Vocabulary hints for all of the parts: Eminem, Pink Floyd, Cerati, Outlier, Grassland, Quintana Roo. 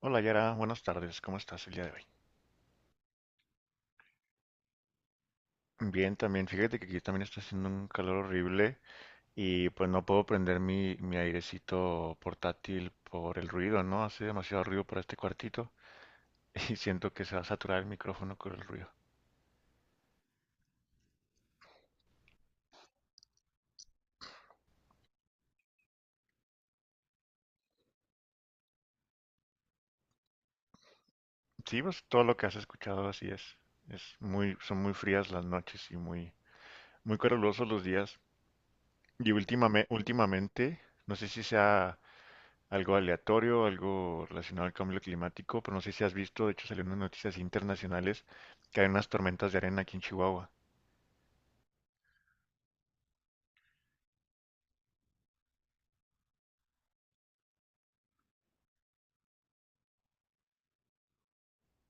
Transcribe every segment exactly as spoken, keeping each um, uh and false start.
Hola Yara, buenas tardes, ¿cómo estás el día de hoy? Bien, también, fíjate que aquí también está haciendo un calor horrible y pues no puedo prender mi, mi airecito portátil por el ruido, ¿no? Hace demasiado ruido para este cuartito y siento que se va a saturar el micrófono con el ruido. Sí, pues todo lo que has escuchado así es. Es muy, son muy frías las noches y muy, muy calurosos los días. Y últimame- últimamente, no sé si sea algo aleatorio, algo relacionado al cambio climático, pero no sé si has visto, de hecho salieron unas noticias internacionales que hay unas tormentas de arena aquí en Chihuahua.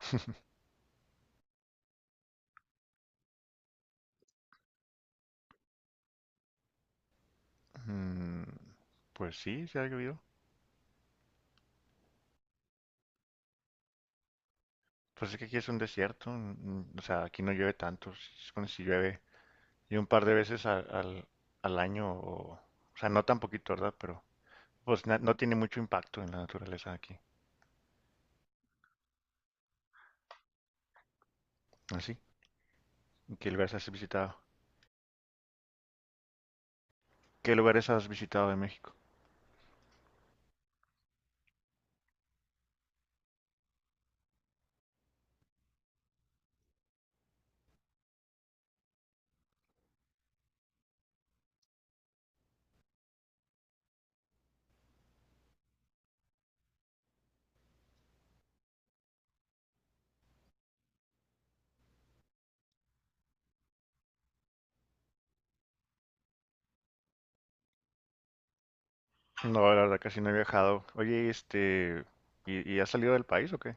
Mm, pues sí, se ha llovido. Pues es que aquí es un desierto, mm, o sea, aquí no llueve tanto, se supone si llueve y un par de veces a- al, al año, o, o sea, no tan poquito, ¿verdad? Pero pues na- no tiene mucho impacto en la naturaleza aquí. Así, ¿qué lugares has visitado? ¿Qué lugares has visitado de México? No, la verdad casi no he viajado. Oye, este, ¿y, y has salido del país o qué?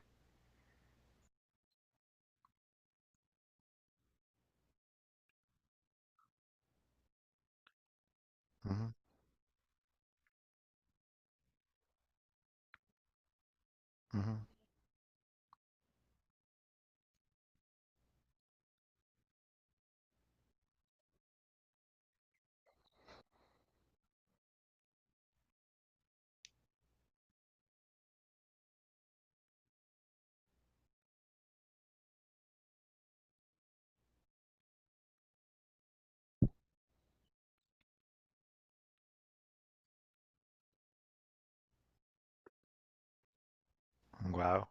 Wow,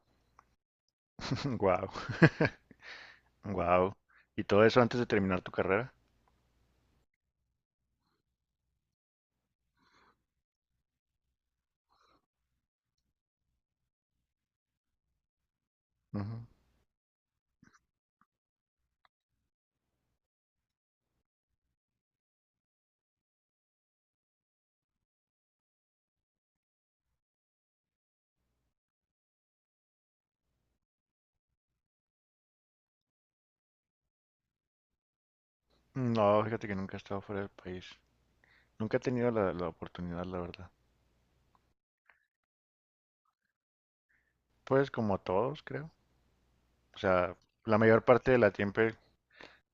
wow, wow. ¿Y todo eso antes de terminar tu carrera? Ujú. No, fíjate que nunca he estado fuera del país. Nunca he tenido la, la oportunidad, la verdad. Pues como todos, creo. O sea, la mayor parte de la tiempo,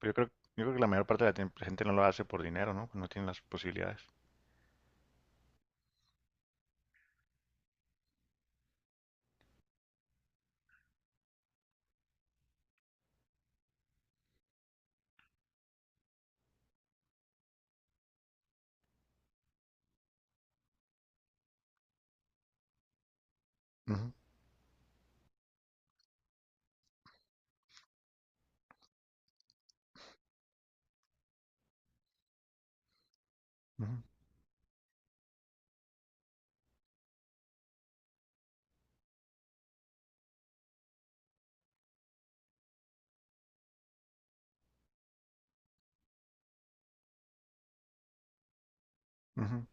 yo creo, yo creo que la mayor parte de la tiemp- gente no lo hace por dinero, ¿no? No tiene las posibilidades. Ujú, ujú, ujú.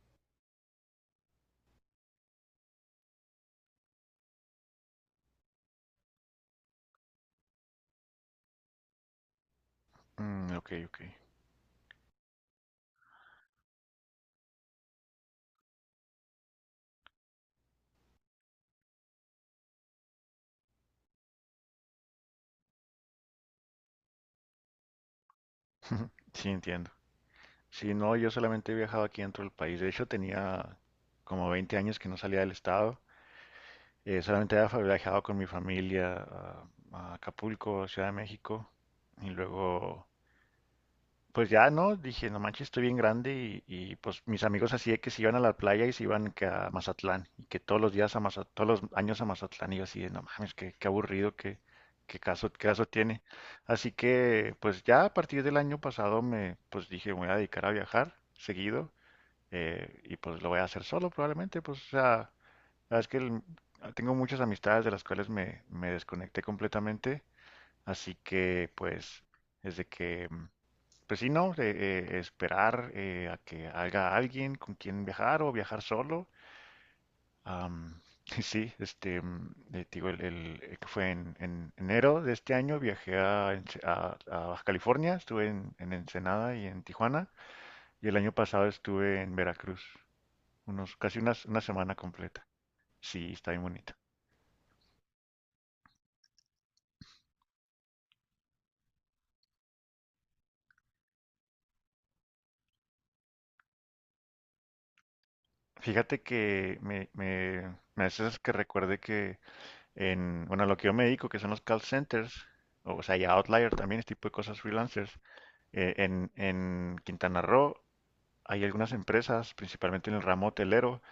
Mm, ok, ok. Sí, entiendo. Si no, yo solamente he viajado aquí dentro del país. De hecho, tenía como veinte años que no salía del estado. Eh, solamente había fa- viajado con mi familia a, a Acapulco, Ciudad de México. Y luego, pues ya no, dije, no manches, estoy bien grande. Y, y, pues mis amigos así de que se iban a la playa y se iban que a Mazatlán. Y que todos los días a Mazatlán, todos los años a Mazatlán. Y yo así de, no mames, qué, qué aburrido, qué, qué caso, qué caso tiene. Así que, pues ya a partir del año pasado me, pues dije, me voy a dedicar a viajar seguido eh, y pues lo voy a hacer solo probablemente, pues o sea, la verdad es que el- ah, tengo muchas amistades de las cuales me, me desconecté completamente, así que pues es de que, mm, pues sí, no, de, eh, esperar eh, a que haga alguien con quien viajar o viajar solo. Am, y sí, este, mm, eh, te digo, el, el- eh, que fue en, en enero de este año viajé a, Ence- a- a Baja California, estuve en, en Ensenada y en Tijuana, y el año pasado estuve en Veracruz unos, casi unas- una semana completa. Sí, está bien bonita. Fíjate que me, me, me haces que recuerde que en, bueno, lo que yo me dedico, que son los call centers, o sea, y Outlier también, este tipo de cosas freelancers, eh, en, en Quintana Roo hay algunas empresas, principalmente en el ramo hotelero,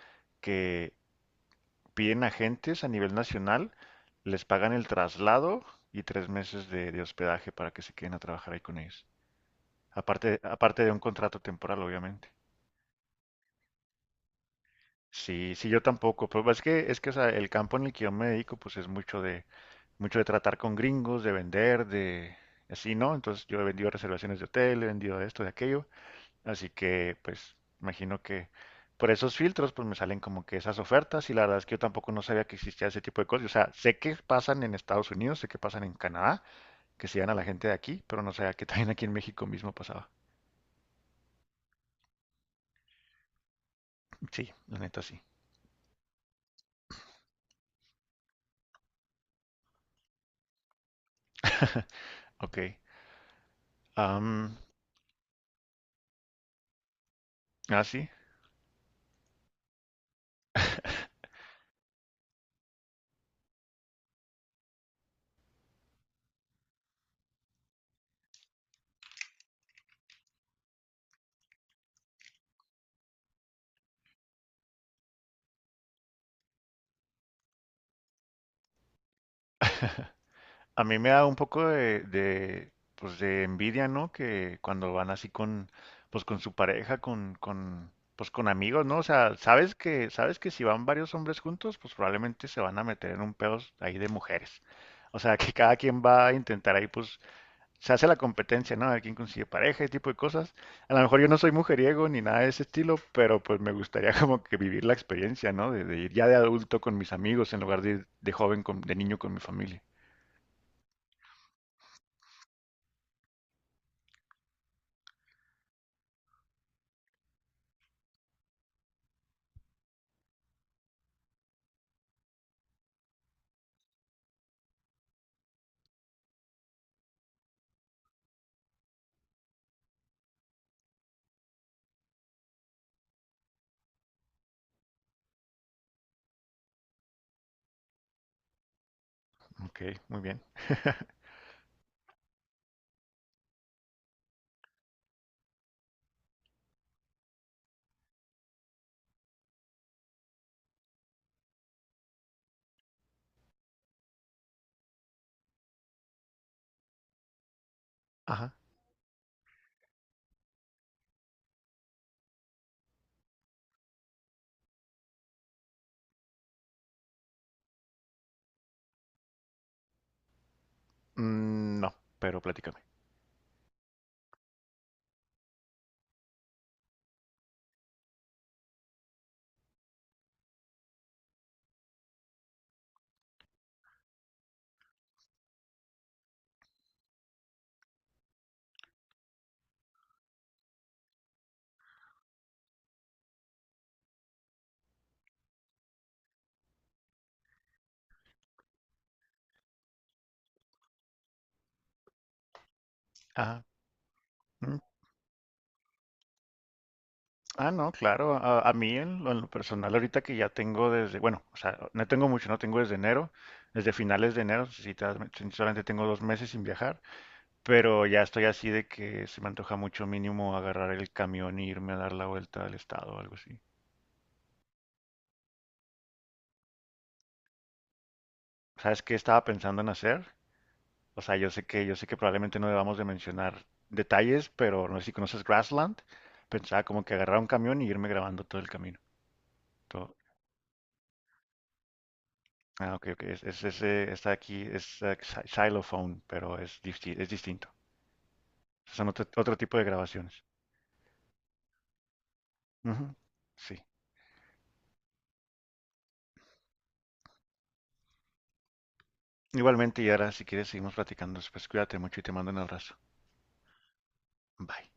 que piden agentes a nivel nacional, les pagan el traslado y tres meses de, de hospedaje para que se queden a trabajar ahí con ellos. Aparte, aparte de un contrato temporal, obviamente. Sí, sí, yo tampoco. Pues es que, es que, o sea, el campo en el que yo me dedico, pues es mucho de, mucho de tratar con gringos, de vender, de así, ¿no? Entonces yo he vendido reservaciones de hotel, he vendido esto, de aquello. Así que, pues, imagino que por esos filtros, pues me salen como que esas ofertas y la verdad es que yo tampoco no sabía que existía ese tipo de cosas. O sea, sé que pasan en Estados Unidos, sé que pasan en Canadá, que se dan a la gente de aquí, pero no sabía que también aquí en México mismo pasaba. Sí, la neta sí. Ok. Am, ah, sí. A mí me da un poco de, de, pues de envidia, ¿no? Que cuando van así con, pues con su pareja, con, con, pues con amigos, ¿no? O sea, sabes que, sabes que si van varios hombres juntos, pues probablemente se van a meter en un pedo ahí de mujeres. O sea, que cada quien va a intentar ahí, pues, se hace la competencia, ¿no? A ver quién consigue pareja, ese tipo de cosas. A lo mejor yo no soy mujeriego ni nada de ese estilo, pero pues me gustaría como que vivir la experiencia, ¿no? De, de ir ya de adulto con mis amigos en lugar de ir de joven, con, de niño con mi familia. Ok, muy bien. Ajá. Mm, no, pero platícame. Ajá. Mm. Ah, no, claro. A, a mí en lo, en lo personal ahorita que ya tengo desde, bueno, o sea, no tengo mucho, no tengo desde enero, desde finales de enero, si te das- si solamente tengo dos meses sin viajar, pero ya estoy así de que se me antoja mucho mínimo agarrar el camión e irme a dar la vuelta al estado o algo así. ¿Sabes qué estaba pensando en hacer? O sea, yo sé que, yo sé que probablemente no debamos de mencionar detalles, pero no sé si conoces Grassland. Pensaba como que agarrar un camión y irme grabando todo el camino. Todo- Ah, ok, ok. Es, es ese, está aquí, es eh, xy- xylophone, pero es, disti- es distinto. Son otro, otro tipo de grabaciones. Ujú, sí. Igualmente, y ahora si quieres seguimos platicando después. Cuídate mucho y te mando un abrazo. Bye.